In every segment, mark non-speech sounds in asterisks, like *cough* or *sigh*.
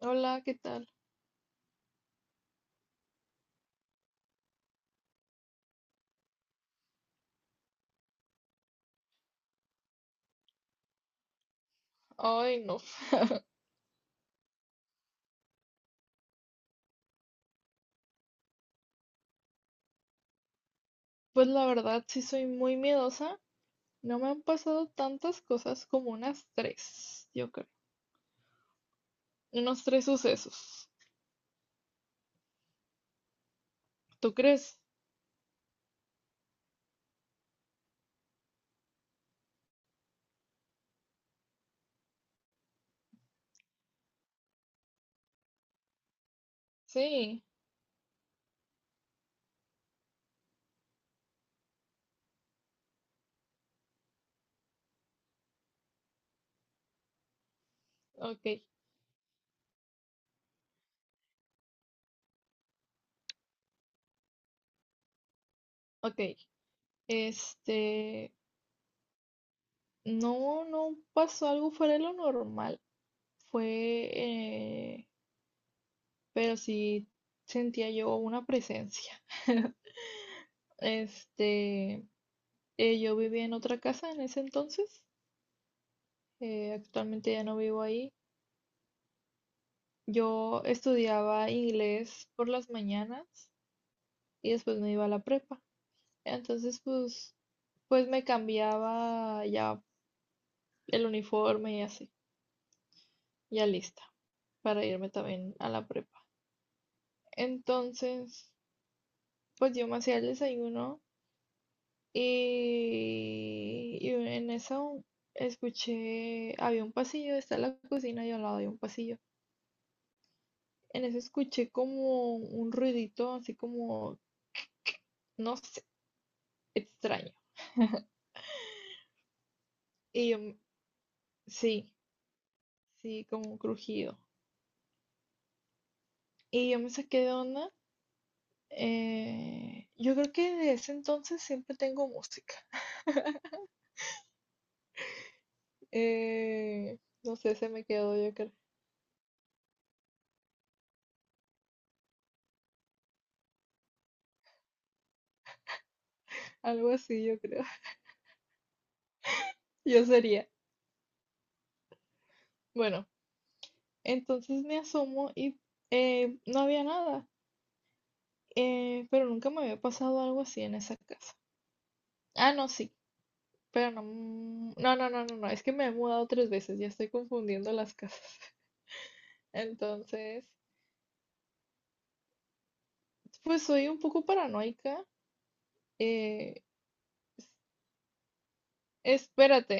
Hola, ¿qué tal? Ay, no. *laughs* Pues la verdad, sí soy muy miedosa. No me han pasado tantas cosas como unas tres, yo creo. Unos tres sucesos. ¿Tú crees? Sí, ok, ok. Este, no, no pasó algo fuera de lo normal. Fue, eh, pero sí sentía yo una presencia. *laughs* Este, yo vivía en otra casa en ese entonces. Actualmente ya no vivo ahí. Yo estudiaba inglés por las mañanas y después me iba a la prepa. Entonces, pues, pues me cambiaba ya el uniforme y así, ya lista para irme también a la prepa. Entonces, pues yo me hacía el desayuno y en eso escuché, había un pasillo, está la cocina y al lado había un pasillo. En eso escuché como un ruidito, así como, no sé, extraño. Y yo, sí. Sí, como un crujido. Y yo me saqué de onda. Yo creo que de ese entonces siempre tengo música. Eh, no sé, se me quedó, yo creo. Algo así, yo creo. *laughs* Yo sería. Bueno, entonces me asomo y no había nada. Pero nunca me había pasado algo así en esa casa. Ah, no, sí. Pero no, no, no, no, no, no. Es que me he mudado tres veces. Ya estoy confundiendo las casas. *laughs* Entonces, pues soy un poco paranoica. eh, Espérate.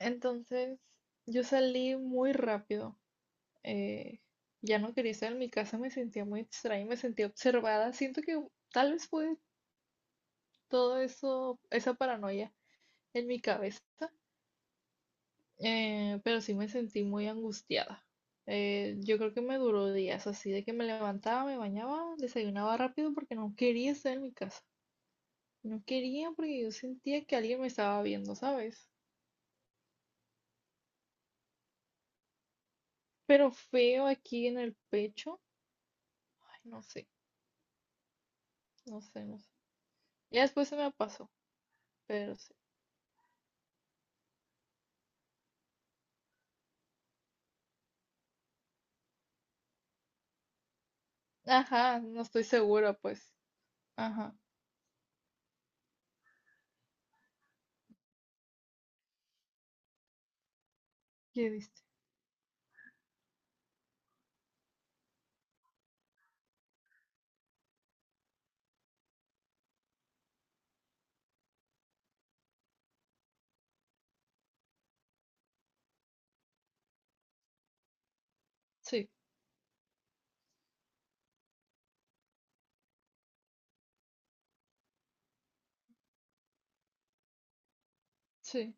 Entonces, yo salí muy rápido. eh, ya no quería estar en mi casa, me sentía muy extraña, me sentía observada. Siento que tal vez fue todo eso, esa paranoia en mi cabeza, pero sí me sentí muy angustiada. Yo creo que me duró días así de que me levantaba, me bañaba, desayunaba rápido porque no quería estar en mi casa. No quería porque yo sentía que alguien me estaba viendo, ¿sabes? Pero feo aquí en el pecho. Ay, no sé. No sé, no sé. Ya después se me pasó, pero sí. Ajá, no estoy segura, pues. Ajá, ¿qué viste? Sí, sí.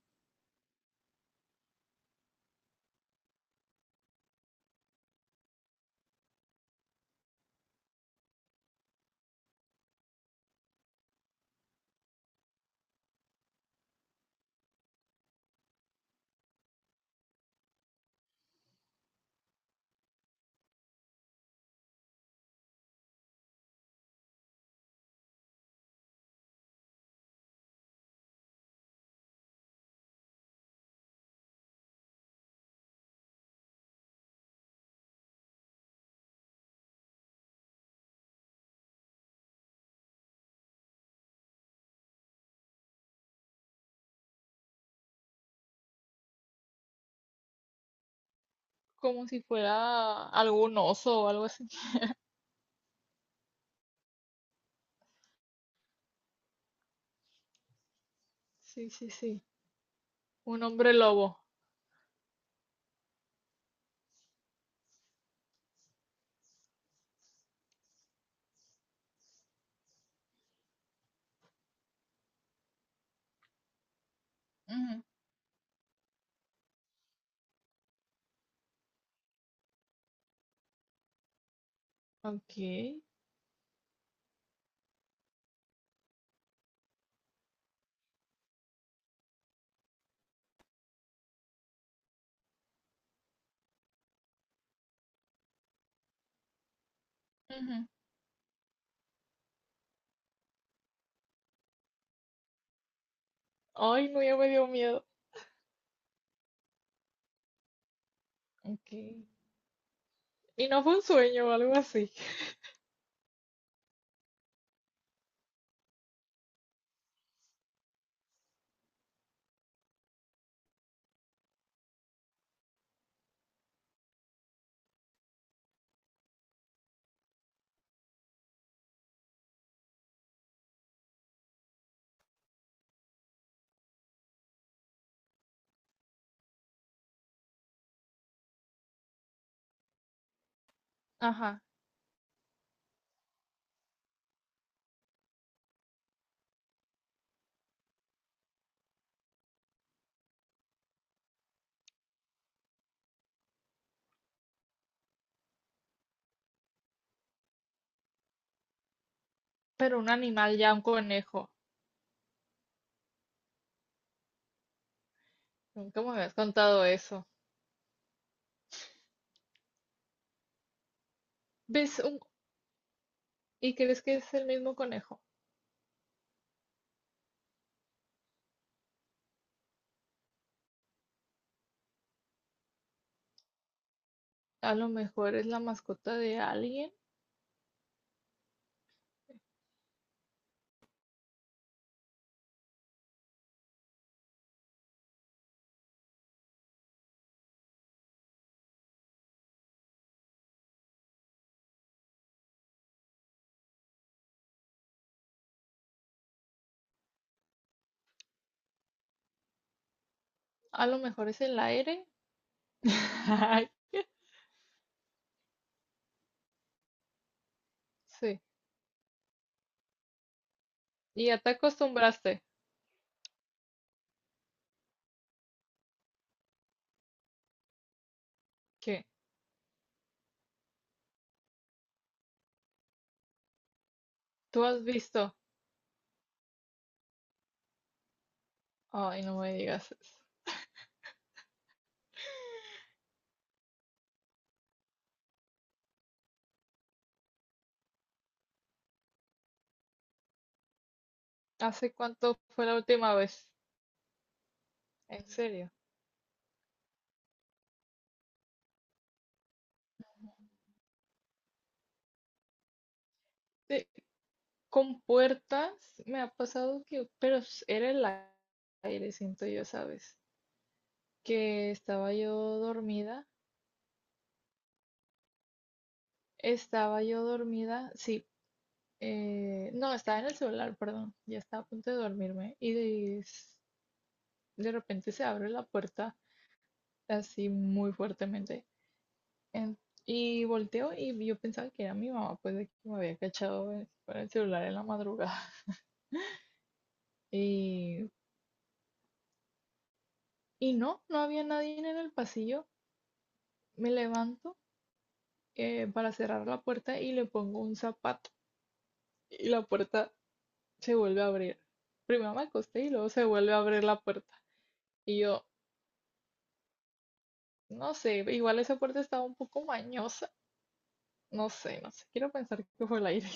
Como si fuera algún oso o algo así. Sí, sí, sí. Un hombre lobo. Ujú, ok. Ujú. Ay, no, ya me dio miedo. Ok. ¿Y no fue un sueño o algo así? Ajá. Pero un animal ya, un conejo. Nunca me habías contado eso. ¿Ves un... y crees que es el mismo conejo? A lo mejor es la mascota de alguien. A lo mejor es el aire. *laughs* Sí. ¿Y ya te acostumbraste? ¿Qué? ¿Tú has visto? Ay, no me digas eso. ¿Hace cuánto fue la última vez? ¿En serio? Sí, con puertas me ha pasado que... Pero era el aire, siento yo, ¿sabes? Que estaba yo dormida. Estaba yo dormida, sí. No, estaba en el celular, perdón. Ya estaba a punto de dormirme. Y de, repente se abre la puerta así muy fuertemente. En- y volteo y yo pensaba que era mi mamá, pues de que me había cachado con el celular en la madrugada. *laughs* Y, y no, no había nadie en el pasillo. Me levanto para cerrar la puerta y le pongo un zapato. Y la puerta se vuelve a abrir. Primero me acosté y luego se vuelve a abrir la puerta. Y yo, No sé, igual esa puerta estaba un poco mañosa. No sé, no sé. Quiero pensar que fue el aire.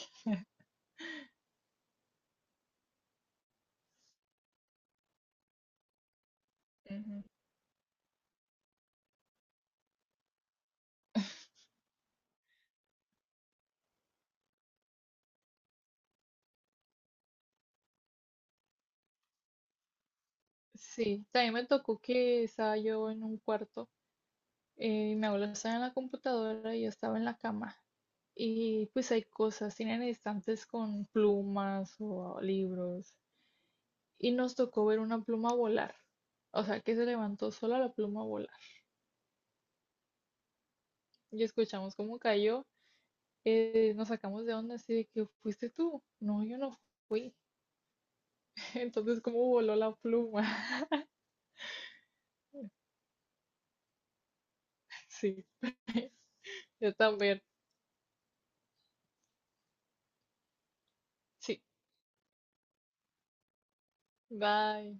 Ujú. Sí, también me tocó que estaba yo en un cuarto. Y mi abuela estaba en la computadora y yo estaba en la cama. Y pues hay cosas, tienen estantes con plumas o libros. Y nos tocó ver una pluma volar. O sea, que se levantó sola la pluma a volar. Y escuchamos cómo cayó. Nos sacamos de onda así de que fuiste tú. No, yo no fui. Entonces, ¿cómo voló la pluma? *laughs* Sí, *laughs* yo también. Sí, bye.